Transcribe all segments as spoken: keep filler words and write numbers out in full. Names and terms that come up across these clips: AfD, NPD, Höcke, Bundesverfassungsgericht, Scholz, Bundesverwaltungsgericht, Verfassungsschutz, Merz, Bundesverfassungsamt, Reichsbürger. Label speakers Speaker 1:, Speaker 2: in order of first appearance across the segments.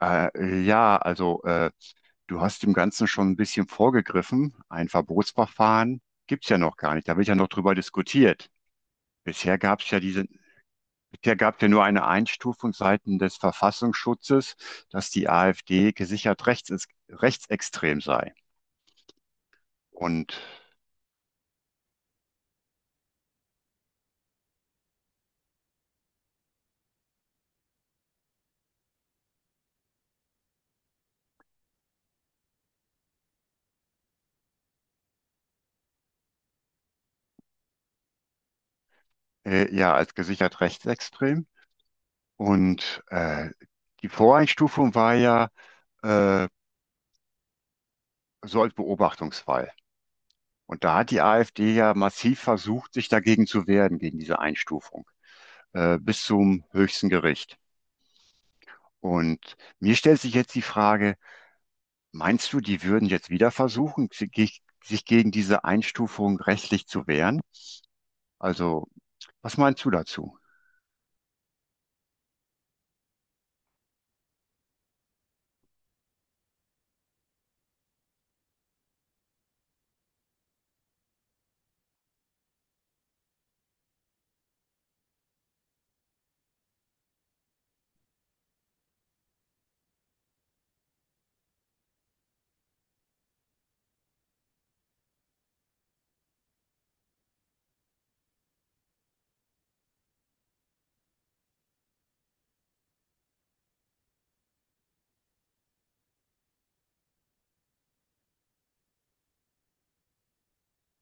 Speaker 1: Äh, ja, also äh, Du hast dem Ganzen schon ein bisschen vorgegriffen. Ein Verbotsverfahren gibt's ja noch gar nicht. Da wird ja noch drüber diskutiert. Bisher gab's ja diese, Bisher gab's ja nur eine Einstufung seitens des Verfassungsschutzes, dass die AfD gesichert rechts, rechtsextrem sei. Und äh, ja, als gesichert rechtsextrem. Und äh, die Voreinstufung war ja äh, so als Beobachtungsfall. Und da hat die AfD ja massiv versucht, sich dagegen zu wehren, gegen diese Einstufung, äh, bis zum höchsten Gericht. Und mir stellt sich jetzt die Frage, meinst du, die würden jetzt wieder versuchen, sich sich gegen diese Einstufung rechtlich zu wehren? Also, was meinst du dazu?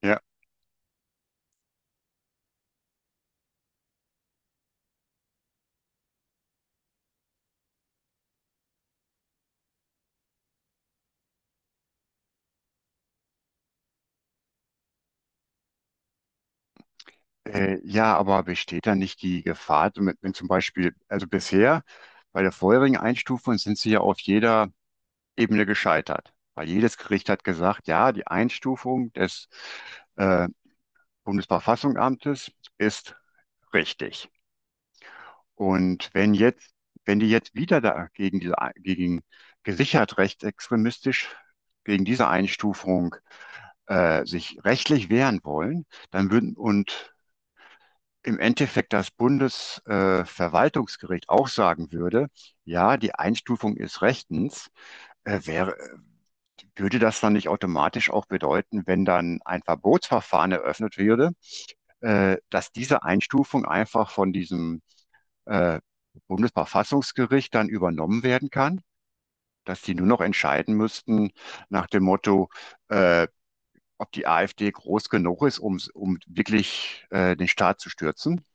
Speaker 1: Ja, Äh, ja, aber besteht da nicht die Gefahr, wenn wenn zum Beispiel, also bisher bei der vorherigen Einstufung sind sie ja auf jeder Ebene gescheitert, weil jedes Gericht hat gesagt, ja, die Einstufung des äh, Bundesverfassungsamtes ist richtig. Und wenn jetzt, wenn die jetzt wieder da gegen diese, gegen gesichert rechtsextremistisch, gegen diese Einstufung äh, sich rechtlich wehren wollen, dann würden und im Endeffekt das Bundesverwaltungsgericht äh, auch sagen würde, ja, die Einstufung ist rechtens, äh, wäre, würde das dann nicht automatisch auch bedeuten, wenn dann ein Verbotsverfahren eröffnet würde, äh, dass diese Einstufung einfach von diesem äh, Bundesverfassungsgericht dann übernommen werden kann, dass die nur noch entscheiden müssten nach dem Motto, äh, ob die AfD groß genug ist, um, um wirklich äh, den Staat zu stürzen.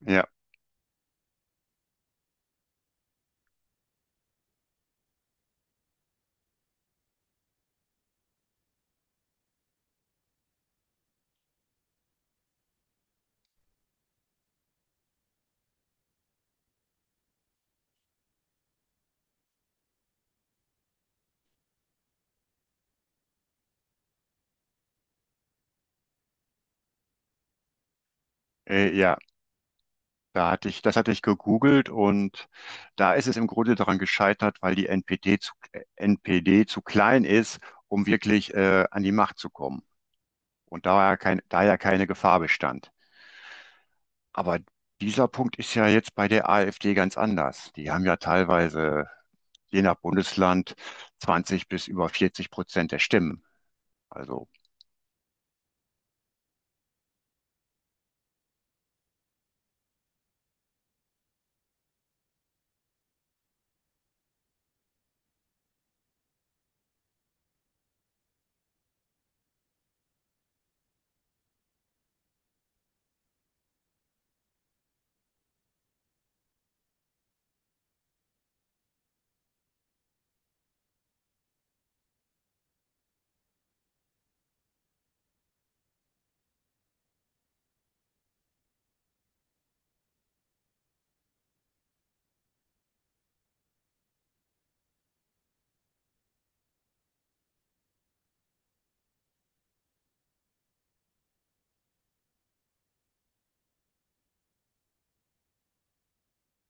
Speaker 1: Ja, äh, ja, da hatte ich, das hatte ich gegoogelt und da ist es im Grunde daran gescheitert, weil die N P D zu, äh, N P D zu klein ist, um wirklich äh, an die Macht zu kommen. Und da ja kein, da ja keine Gefahr bestand. Aber dieser Punkt ist ja jetzt bei der AfD ganz anders. Die haben ja teilweise, je nach Bundesland, zwanzig bis über vierzig Prozent der Stimmen. Also,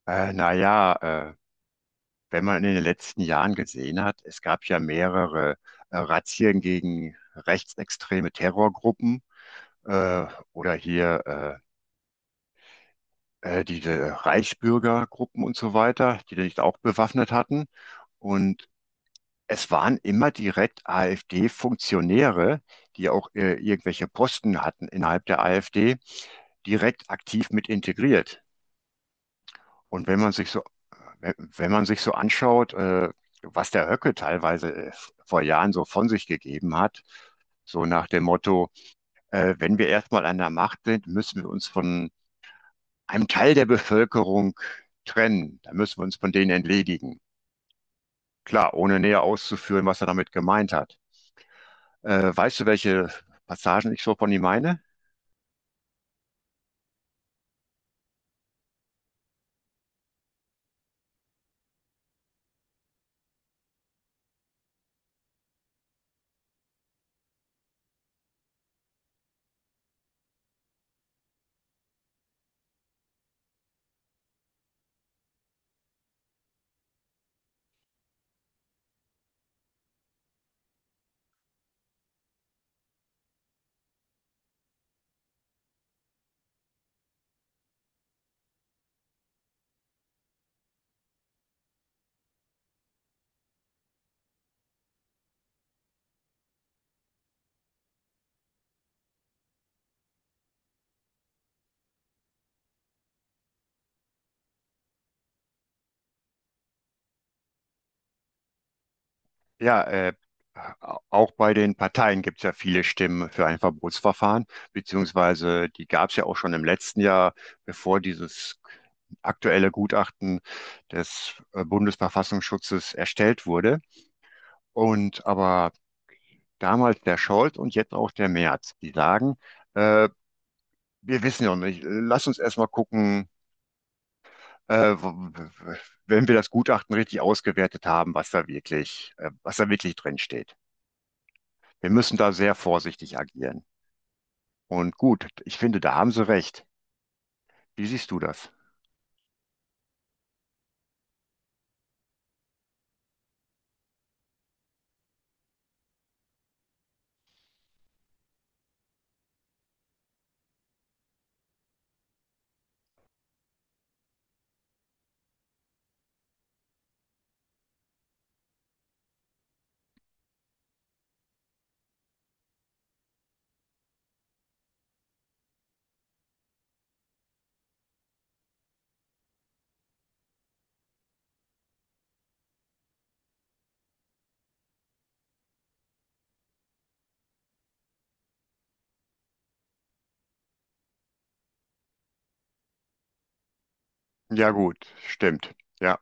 Speaker 1: äh, naja, äh, wenn man in den letzten Jahren gesehen hat, es gab ja mehrere äh, Razzien gegen rechtsextreme Terrorgruppen, äh, oder hier äh, äh, diese Reichsbürgergruppen und so weiter, die sich auch bewaffnet hatten. Und es waren immer direkt AfD-Funktionäre, die auch äh, irgendwelche Posten hatten innerhalb der AfD, direkt aktiv mit integriert. Und wenn man sich so, wenn man sich so anschaut, äh, was der Höcke teilweise äh, vor Jahren so von sich gegeben hat, so nach dem Motto, äh, wenn wir erstmal an der Macht sind, müssen wir uns von einem Teil der Bevölkerung trennen. Da müssen wir uns von denen entledigen. Klar, ohne näher auszuführen, was er damit gemeint hat. Äh, weißt du, welche Passagen ich so von ihm meine? Ja, äh, auch bei den Parteien gibt es ja viele Stimmen für ein Verbotsverfahren, beziehungsweise die gab es ja auch schon im letzten Jahr, bevor dieses aktuelle Gutachten des äh, Bundesverfassungsschutzes erstellt wurde. Und aber damals der Scholz und jetzt auch der Merz, die sagen, äh, wir wissen ja noch nicht, lass uns erstmal gucken, äh, wenn wir das Gutachten richtig ausgewertet haben, was da wirklich, äh, was da wirklich drin steht. Wir müssen da sehr vorsichtig agieren. Und gut, ich finde, da haben Sie recht. Wie siehst du das? Ja, gut, stimmt. Ja,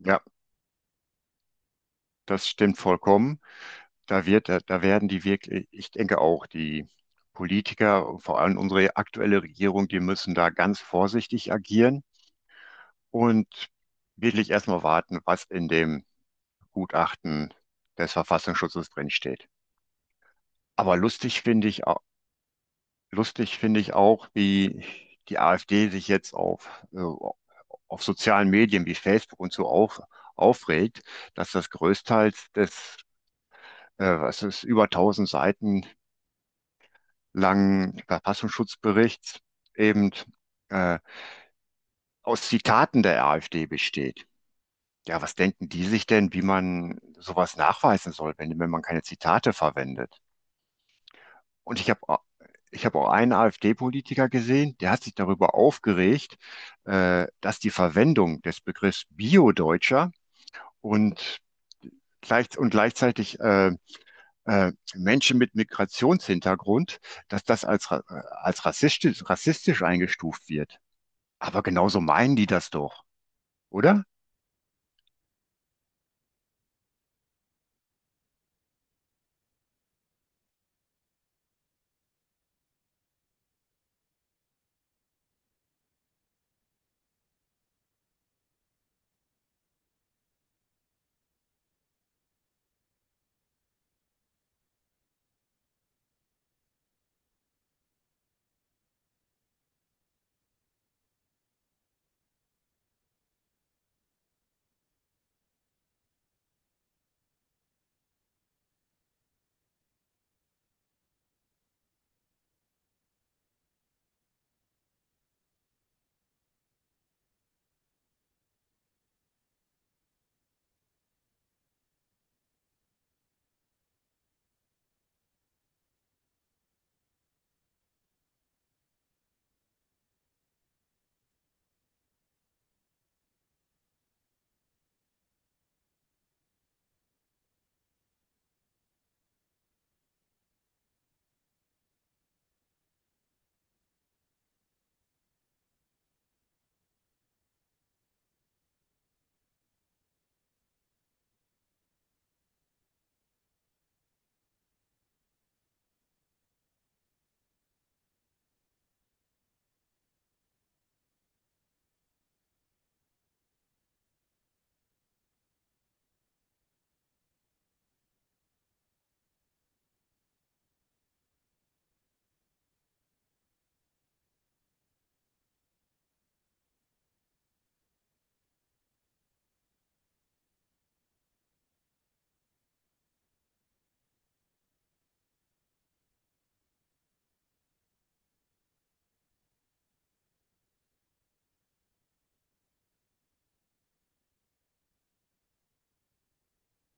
Speaker 1: ja, das stimmt vollkommen. Da wird, äh, da werden die wirklich, ich denke auch, die Politiker, und vor allem unsere aktuelle Regierung, die müssen da ganz vorsichtig agieren und wirklich erstmal warten, was in dem Gutachten des Verfassungsschutzes drinsteht. Aber lustig finde ich, au- lustig finde ich auch, wie die AfD sich jetzt auf, äh, auf sozialen Medien wie Facebook und so auf, aufregt, dass das größtenteils des, äh, was ist, über tausend Seiten langen Verfassungsschutzberichts eben äh, aus Zitaten der AfD besteht. Ja, was denken die sich denn, wie man sowas nachweisen soll, wenn, wenn man keine Zitate verwendet? Und ich habe ich habe auch einen AfD-Politiker gesehen, der hat sich darüber aufgeregt, äh, dass die Verwendung des Begriffs Bio-Deutscher und, gleich, und gleichzeitig äh, äh, Menschen mit Migrationshintergrund, dass das als, als rassistisch, rassistisch eingestuft wird. Aber genauso meinen die das doch, oder?